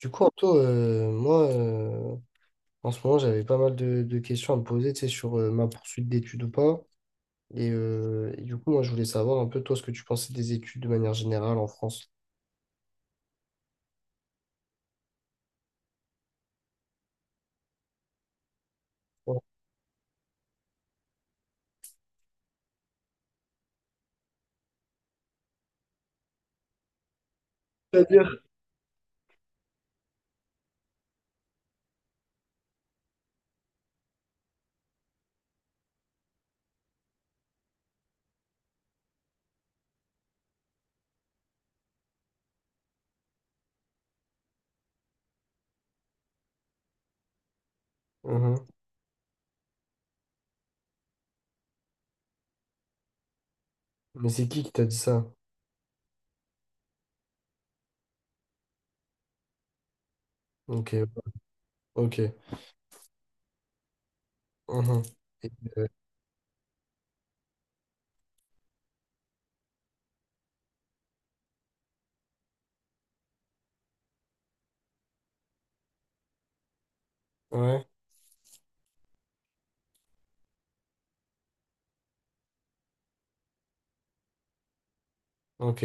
Du coup, Anto, moi, en ce moment, j'avais pas mal de questions à me poser, tu sais, sur ma poursuite d'études ou pas. Et du coup, moi, je voulais savoir un peu, toi, ce que tu pensais des études de manière générale en France. Ouais. C'est-à-dire. Mhm. Mais c'est qui t'a dit ça? Ok, ok. Mhm. Et, euh, ouais, ok.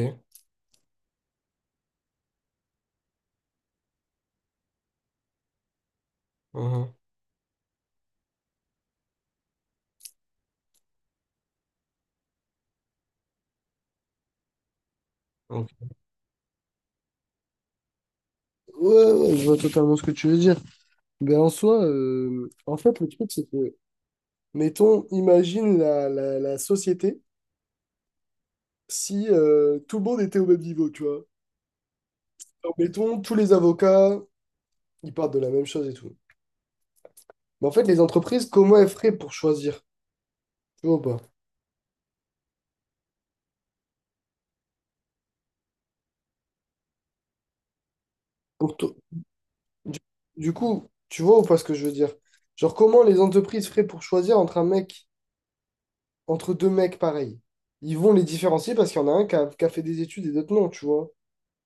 Mhm. Ok. Ouais, ouais, je vois totalement ce que tu veux dire. Ben, en soi, en fait, le truc, c'est que, mettons, imagine la société si tout le monde était au même niveau, tu vois. Donc, mettons, tous les avocats, ils partent de la même chose et tout. Mais en fait, les entreprises, comment elles feraient pour choisir? Tu vois ou pas? Pour to- du, du coup, tu vois ou pas ce que je veux dire? Genre, comment les entreprises feraient pour choisir entre un mec, entre deux mecs pareils? Ils vont les différencier parce qu'il y en a un qui a fait des études et d'autres non, tu vois.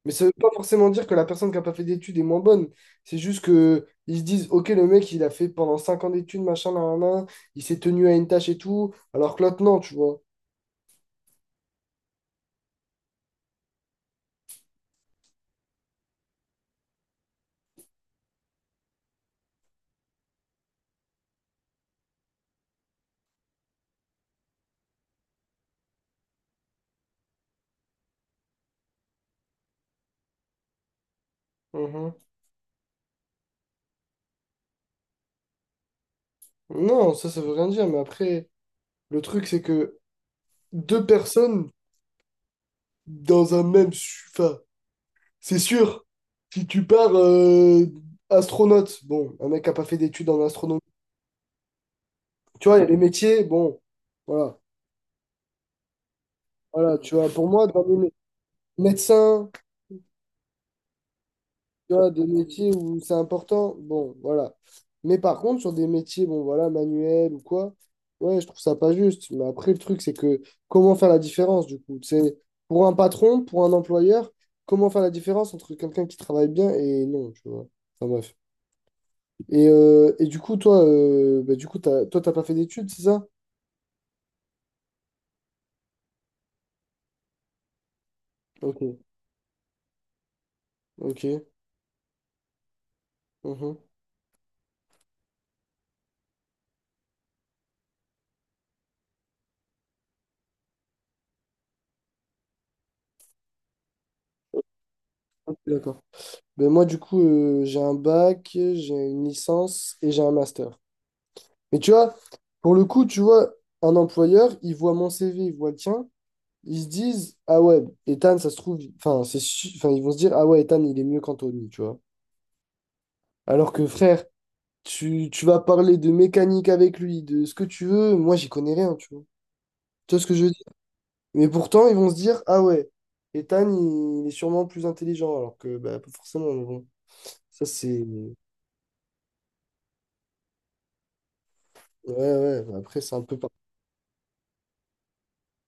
Mais ça veut pas forcément dire que la personne qui a pas fait d'études est moins bonne. C'est juste que ils se disent, ok, le mec, il a fait pendant 5 ans d'études, machin, nan, nan, nan, il s'est tenu à une tâche et tout, alors que l'autre, non, tu vois. Mhm. Non, ça veut rien dire, mais après, le truc, c'est que deux personnes dans un même... Enfin, c'est sûr, si tu pars astronaute, bon, un mec qui a pas fait d'études en astronomie, tu vois, il y a les métiers, bon, voilà, voilà, tu vois, pour moi, médecins. Tu vois, des métiers où c'est important, bon, voilà. Mais par contre, sur des métiers, bon, voilà, manuels ou quoi, ouais, je trouve ça pas juste. Mais après, le truc, c'est que comment faire la différence, du coup? C'est pour un patron, pour un employeur, comment faire la différence entre quelqu'un qui travaille bien et non, tu vois. Enfin, bref. Et du coup, toi, du coup, t'as, toi, t'as pas fait d'études, c'est ça? Ok, ok. Mhm. Ok, d'accord. Ben moi, du coup, j'ai un bac, j'ai une licence et j'ai un master. Mais tu vois, pour le coup, tu vois, un employeur, il voit mon CV, il voit le tien, ils se disent, ah ouais, Ethan, ça se trouve, enfin, enfin, ils vont se dire, ah ouais, Ethan, il est mieux qu'Anthony, tu vois. Alors que frère, tu vas parler de mécanique avec lui, de ce que tu veux, moi, j'y connais rien, tu vois. Tu vois ce que je veux dire? Mais pourtant, ils vont se dire, ah ouais, Ethan, il est sûrement plus intelligent, alors que, bah, pas forcément, mais bon. Ça, c'est. Ouais, ouais, bah, après, c'est un peu, par-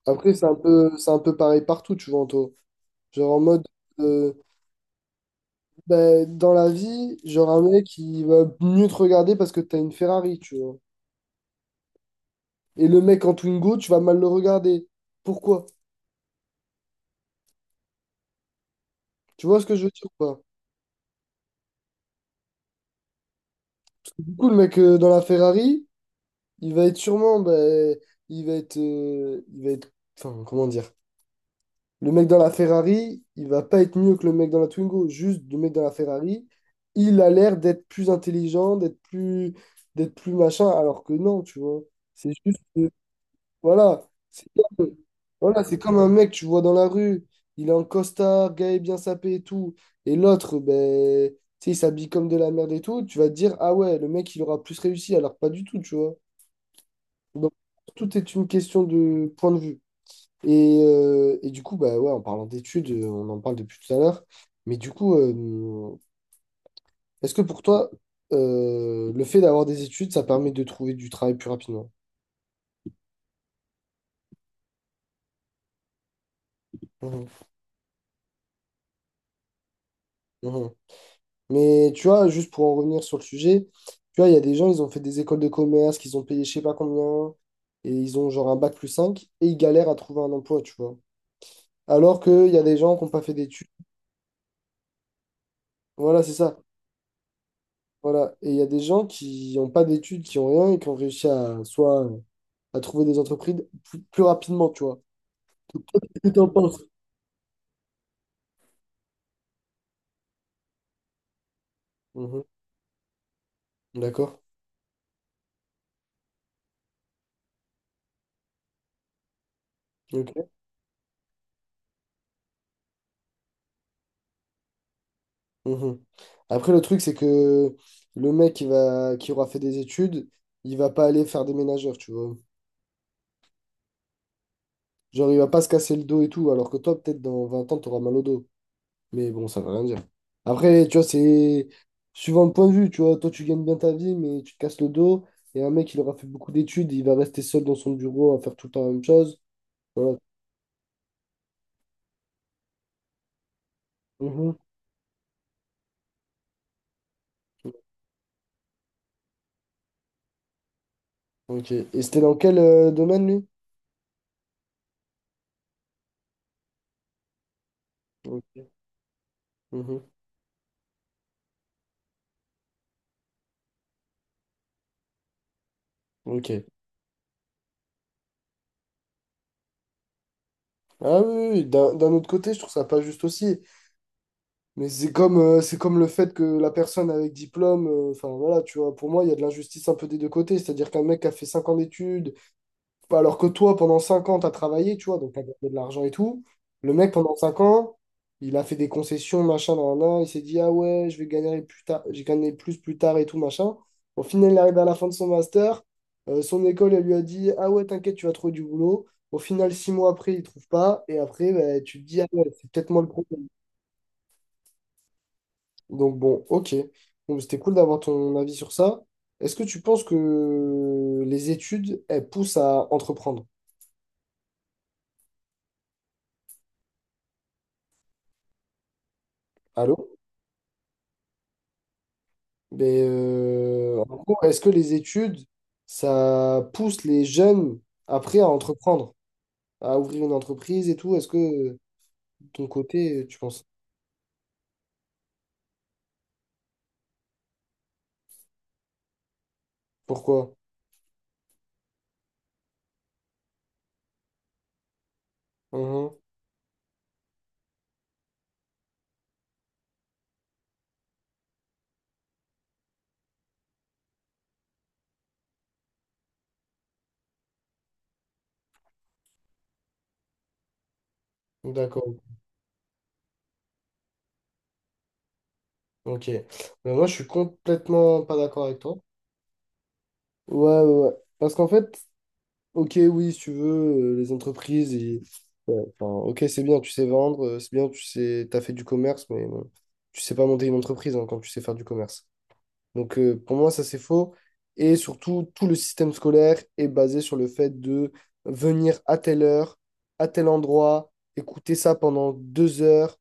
après, c'est un peu pareil partout, tu vois, Anto. Genre en mode. euh, Ben, dans la vie, genre un mec qui va mieux te regarder parce que t'as une Ferrari, tu vois. Et le mec en Twingo, tu vas mal le regarder. Pourquoi? Tu vois ce que je veux dire ou pas? Parce que du coup, le mec dans la Ferrari, il va être sûrement, ben, il va être, enfin, comment dire? Le mec dans la Ferrari, il va pas être mieux que le mec dans la Twingo. Juste, le mec dans la Ferrari, il a l'air d'être plus intelligent, d'être plus machin, alors que non, tu vois. C'est juste. Voilà. C'est comme, voilà, c'est comme un mec que tu vois dans la rue. Il est en costard, gars est bien sapé et tout. Et l'autre, ben, tu sais, il s'habille comme de la merde et tout. Tu vas te dire, ah ouais, le mec, il aura plus réussi. Alors, pas du tout, tu vois. Donc, tout est une question de point de vue. Et du coup, bah ouais, en parlant d'études, on en parle depuis tout à l'heure. Mais du coup, est-ce que pour toi, le fait d'avoir des études, ça permet de trouver du travail plus rapidement? Mhm. Mhm. Mais tu vois, juste pour en revenir sur le sujet, tu vois, il y a des gens, ils ont fait des écoles de commerce, qu'ils ont payé je sais pas combien, et ils ont genre un bac plus 5 et ils galèrent à trouver un emploi, tu vois. Alors qu'il y a des gens qui n'ont pas fait d'études. Voilà, c'est ça. Voilà. Et il y a des gens qui n'ont pas d'études, qui n'ont rien, et qui ont réussi à soit à trouver des entreprises plus, plus rapidement, tu vois. Qu'est-ce que t'en penses? Mhm. D'accord. Ok. Mhm. Après, le truc, c'est que le mec qui va, qui aura fait des études, il va pas aller faire des ménageurs, tu vois. Genre, il va pas se casser le dos et tout, alors que toi, peut-être dans 20 ans, t'auras mal au dos. Mais bon, ça veut rien dire. Après, tu vois, c'est suivant le point de vue, tu vois. Toi, tu gagnes bien ta vie, mais tu te casses le dos. Et un mec, il aura fait beaucoup d'études, il va rester seul dans son bureau à faire tout le temps la même chose. Voilà. Mhm. Ok. Et c'était dans quel domaine, lui? Ok. Mhm. Ok. Ah oui, oui, oui. D'un autre côté, je trouve ça pas juste aussi. Mais c'est comme le fait que la personne avec diplôme, enfin voilà, tu vois, pour moi, il y a de l'injustice un peu des deux côtés. C'est-à-dire qu'un mec qui a fait 5 ans d'études. Bah, alors que toi, pendant 5 ans, tu as travaillé, tu vois, donc tu as gagné de l'argent et tout. Le mec, pendant 5 ans, il a fait des concessions, machin, nan, nan, nan. Il s'est dit, ah ouais, je vais gagner plus tard, j'ai gagné plus tard et tout, machin. Au final, il arrive à la fin de son master. Son école, elle lui a dit, ah ouais, t'inquiète, tu vas trouver du boulot. Au final, 6 mois après, il trouve pas. Et après, ben, tu te dis, ah ouais, c'est peut-être moi le problème. Donc bon, ok. Donc c'était cool d'avoir ton avis sur ça. Est-ce que tu penses que les études, elles poussent à entreprendre? Allô? Mais en gros, est-ce que les études, ça pousse les jeunes après à entreprendre, à ouvrir une entreprise et tout? Est-ce que de ton côté, tu penses? Pourquoi? Mhm. D'accord. Ok. Mais moi, je suis complètement pas d'accord avec toi. Ouais, ouais, ouais. Parce qu'en fait, ok, oui, si tu veux, les entreprises, ils- ouais, enfin, ok, c'est bien, tu sais vendre, c'est bien, tu sais, t'as fait du commerce, mais bon, tu sais pas monter une entreprise hein, quand tu sais faire du commerce. Donc pour moi, ça c'est faux. Et surtout, tout le système scolaire est basé sur le fait de venir à telle heure, à tel endroit, écouter ça pendant 2 heures.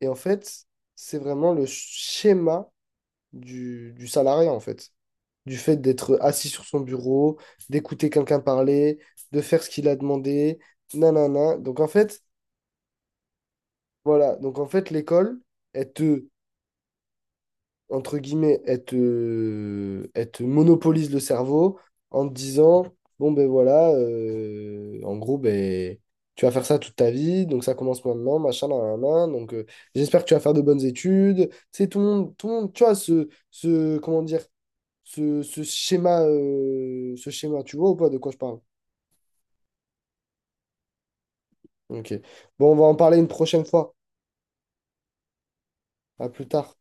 Et en fait, c'est vraiment le schéma du salarié, en fait. Du fait d'être assis sur son bureau, d'écouter quelqu'un parler, de faire ce qu'il a demandé, nanana. Donc en fait, voilà. Donc en fait, l'école, elle te entre guillemets, elle te monopolise le cerveau en te disant, bon ben voilà, en gros, ben, tu vas faire ça toute ta vie, donc ça commence maintenant, machin, nan, nan, nan, donc j'espère que tu vas faire de bonnes études. C'est tout le monde, tu vois, ce comment dire, ce schéma, tu vois ou pas de quoi je parle? Ok. Bon, on va en parler une prochaine fois. À plus tard.